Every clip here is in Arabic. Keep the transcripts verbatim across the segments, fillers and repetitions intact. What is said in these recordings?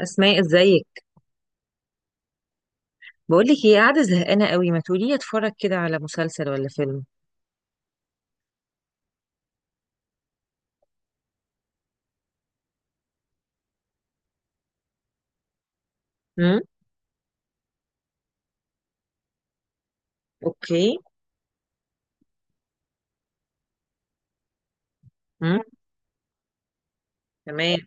اسماء، ازيك؟ بقول لك ايه، قاعده زهقانه قوي، ما تقولي لي اتفرج كده على مسلسل ولا فيلم؟ امم. اوكي. امم. تمام.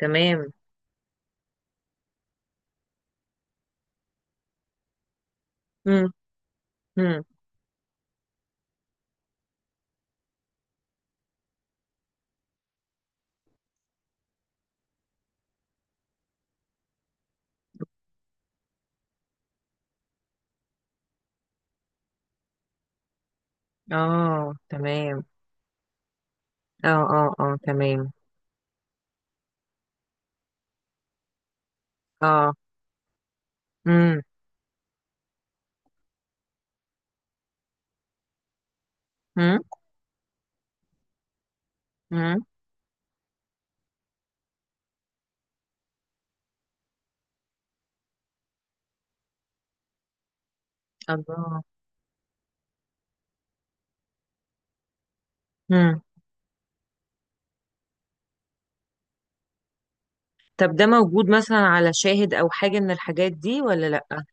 تمام. امم، امم. اه، تمام. اه، اه، اه، تمام. اه. امم، امم. امم. الله. امم. طب، ده موجود مثلا على شاهد او حاجه من الحاجات دي ولا لا؟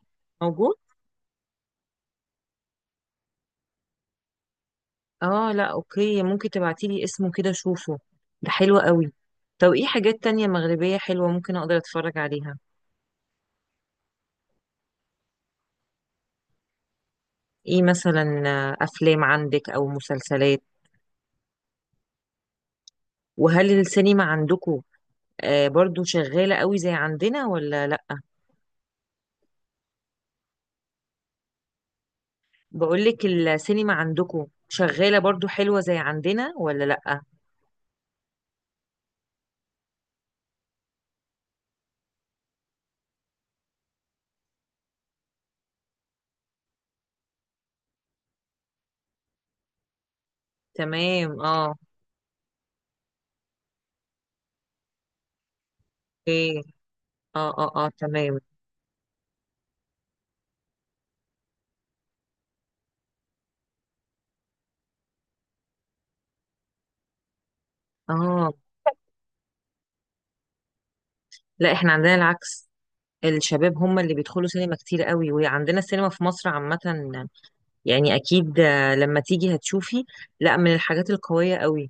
موجود؟ اه، لا، اوكي، ممكن تبعتي لي اسمه كده اشوفه. ده حلو قوي. طب، ايه حاجات تانية مغربيه حلوه ممكن اقدر اتفرج عليها؟ ايه مثلا؟ آه، افلام عندك او مسلسلات؟ وهل السينما عندكم برضو شغالة قوي زي عندنا ولا لأ؟ بقولك، السينما عندكم شغالة برضو حلوة زي عندنا ولا لأ؟ تمام، اه. اوكي. اه، اه، اه، تمام. اه. لا، احنا عندنا العكس. الشباب هم اللي بيدخلوا سينما كتير قوي، وعندنا السينما في مصر عامة. يعني اكيد آه، لما تيجي هتشوفي. لا، من الحاجات القوية قوي.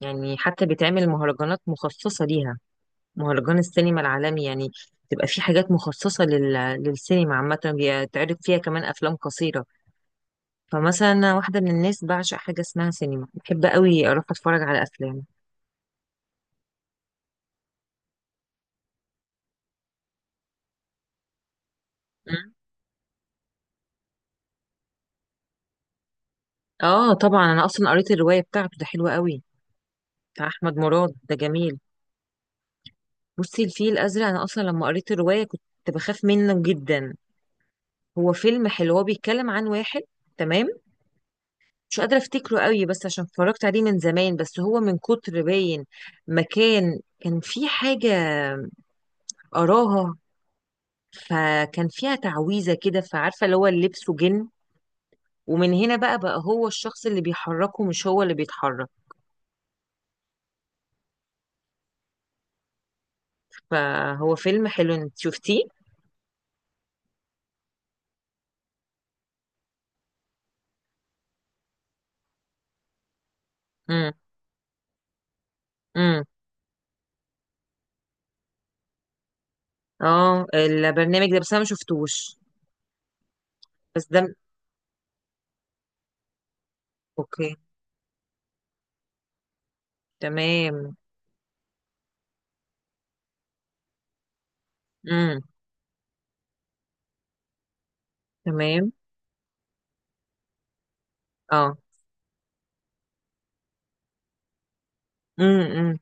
يعني حتى بيتعمل مهرجانات مخصصة ليها، مهرجان السينما العالمي يعني. تبقى في حاجات مخصصة لل... للسينما عامة، بيتعرض فيها كمان أفلام قصيرة. فمثلا أنا واحدة من الناس بعشق حاجة اسمها سينما، بحب قوي أروح أتفرج على أفلام. مم. آه، طبعا أنا أصلا قريت الرواية بتاعته، ده حلوة قوي. بتاع أحمد مراد، ده جميل. بصي، الفيل الأزرق، أنا أصلا لما قريت الرواية كنت بخاف منه جدا. هو فيلم حلو، هو بيتكلم عن واحد. تمام. مش قادرة أفتكره قوي، بس عشان اتفرجت عليه من زمان، بس هو من كتر باين، مكان كان في حاجة قراها، فكان فيها تعويذة كده، فعارفة اللي هو لبسه جن. ومن هنا بقى بقى هو الشخص اللي بيحركه، مش هو اللي بيتحرك. فهو فيلم حلو. انت شفتيه؟ امم، امم. اه، البرنامج ده، بس انا ما شفتوش. بس ده. اوكي. تمام. امم. تمام. اه. امم، امم،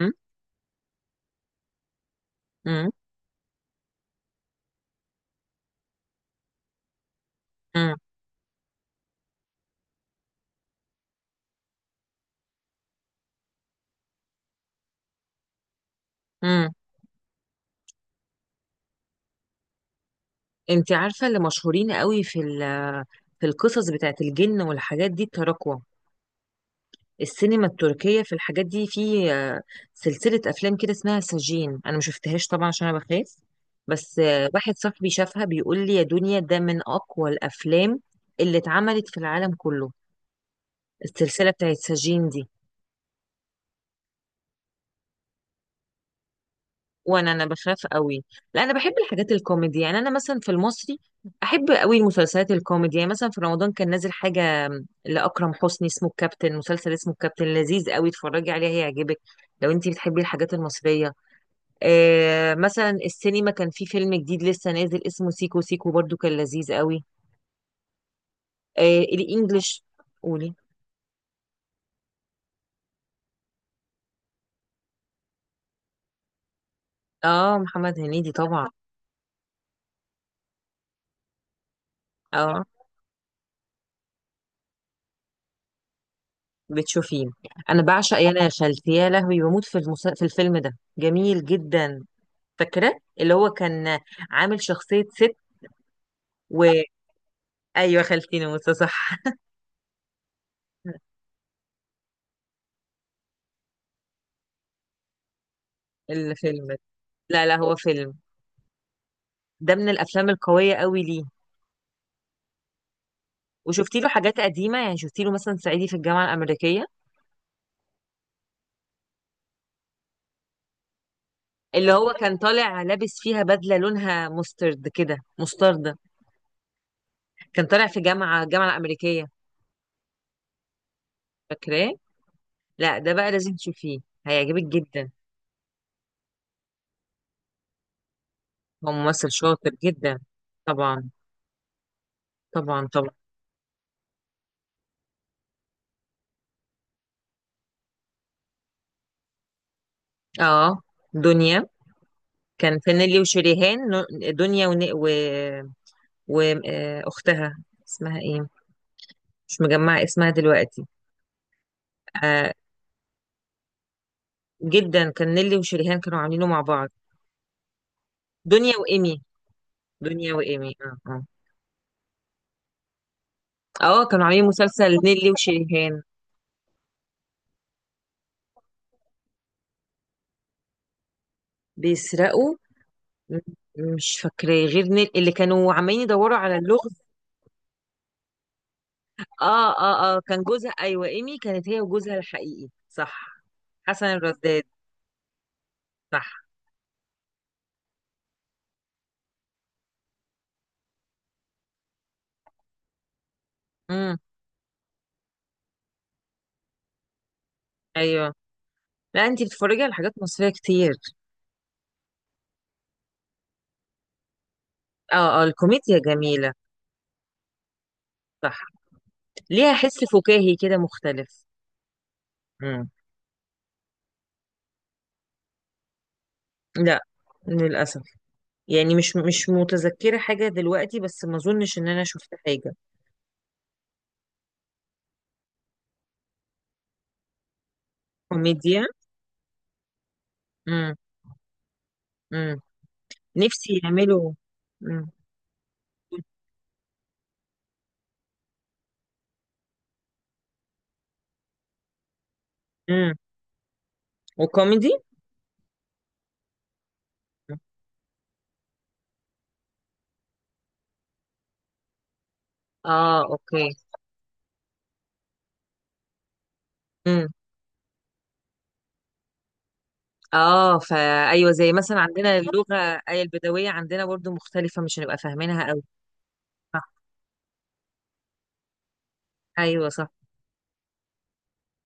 امم، امم، امم، امم. انت عارفة اللي مشهورين قوي في ال... في القصص بتاعت الجن والحاجات دي، التراكوة، السينما التركية، في الحاجات دي في آه، سلسلة أفلام كده اسمها سجين، أنا ما شفتهاش طبعا عشان أنا بخاف. بس آه، واحد صاحبي شافها بيقول لي يا دنيا، ده من أقوى الأفلام اللي اتعملت في العالم كله، السلسلة بتاعت سجين دي. وأنا أنا بخاف قوي. لا، أنا بحب الحاجات الكوميدي، يعني أنا مثلا في المصري أحب قوي المسلسلات الكوميدي. يعني مثلا في رمضان كان نازل حاجة لأكرم حسني اسمه الكابتن، مسلسل اسمه الكابتن لذيذ قوي، اتفرجي عليه هيعجبك لو انتي بتحبي الحاجات المصرية. آه مثلا السينما كان في فيلم جديد لسه نازل اسمه سيكو سيكو، برضو كان لذيذ قوي. آه، الانجليش. قولي. اه، محمد هنيدي، طبعا. اه، بتشوفيه. انا بعشق يانا يا خالتي يا لهوي، بموت في المس... في الفيلم ده، جميل جدا. فاكره اللي هو كان عامل شخصيه ست و ايوه، خالتي ناموسه، صح. الفيلم ده. لا، لا، هو فيلم. ده من الافلام القويه قوي ليه. وشفتي له حاجات قديمه؟ يعني شفتي له مثلا صعيدي في الجامعه الامريكيه، اللي هو كان طالع لابس فيها بدلة لونها مسترد كده، مستردة، كان طالع في جامعة الجامعة الأمريكية. فاكراه؟ لا، ده بقى لازم تشوفيه، هيعجبك جدا. هو ممثل شاطر جدا. طبعا. طبعا، طبعا. اه، دنيا. كان في نيلي وشريهان نو- دنيا ون... و... و... آه، أختها اسمها ايه؟ مش مجمعة اسمها دلوقتي. آه. جدا، كان نيلي وشريهان كانوا عاملينه مع بعض. دنيا وإيمي. دنيا وإيمي، اه، اه. اه، كانوا عاملين مسلسل نيلي وشريهان. بيسرقوا. م- مش فاكراه غير نيل، اللي كانوا عمالين يدوروا على اللغز. اه، اه، اه، كان جوزها، ايوه، ايمي كانت هي وجوزها الحقيقي، صح. حسن الرداد. صح. امم. ايوه. لا، انتي بتتفرجي على حاجات مصرية كتير؟ اه، اه، الكوميديا جميلة. صح. ليها حس فكاهي كده مختلف. امم. لا. للأسف. يعني مش مش متذكرة حاجة دلوقتي، بس ما اظنش ان انا شفت حاجة. كوميديا. امم، امم. نفسي يعملوا. امم. وكوميدي؟ اه، اوكي. امم. اه، فا ايوه، زي مثلا عندنا اللغه آية البدويه عندنا برضو مختلفه، مش هنبقى فاهمينها قوي. صح. ايوه، صح.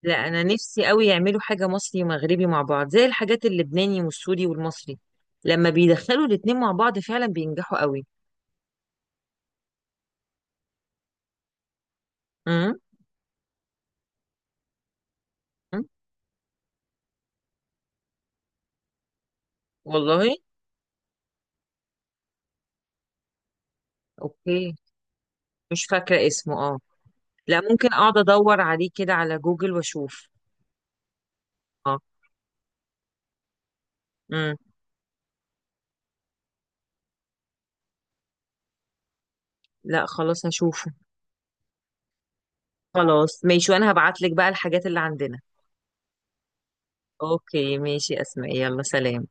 لا، انا نفسي قوي يعملوا حاجه مصري ومغربي مع بعض، زي الحاجات اللبناني والسوري والمصري. لما بيدخلوا الاتنين مع بعض فعلا بينجحوا قوي. امم. أمم. والله. اوكي. مش فاكره اسمه، اه. لا، ممكن اقعد ادور عليه كده على جوجل واشوف. اه. امم. لا، خلاص هشوفه. خلاص، ماشي، وانا هبعت لك بقى الحاجات اللي عندنا. اوكي، ماشي اسماء، يلا سلام.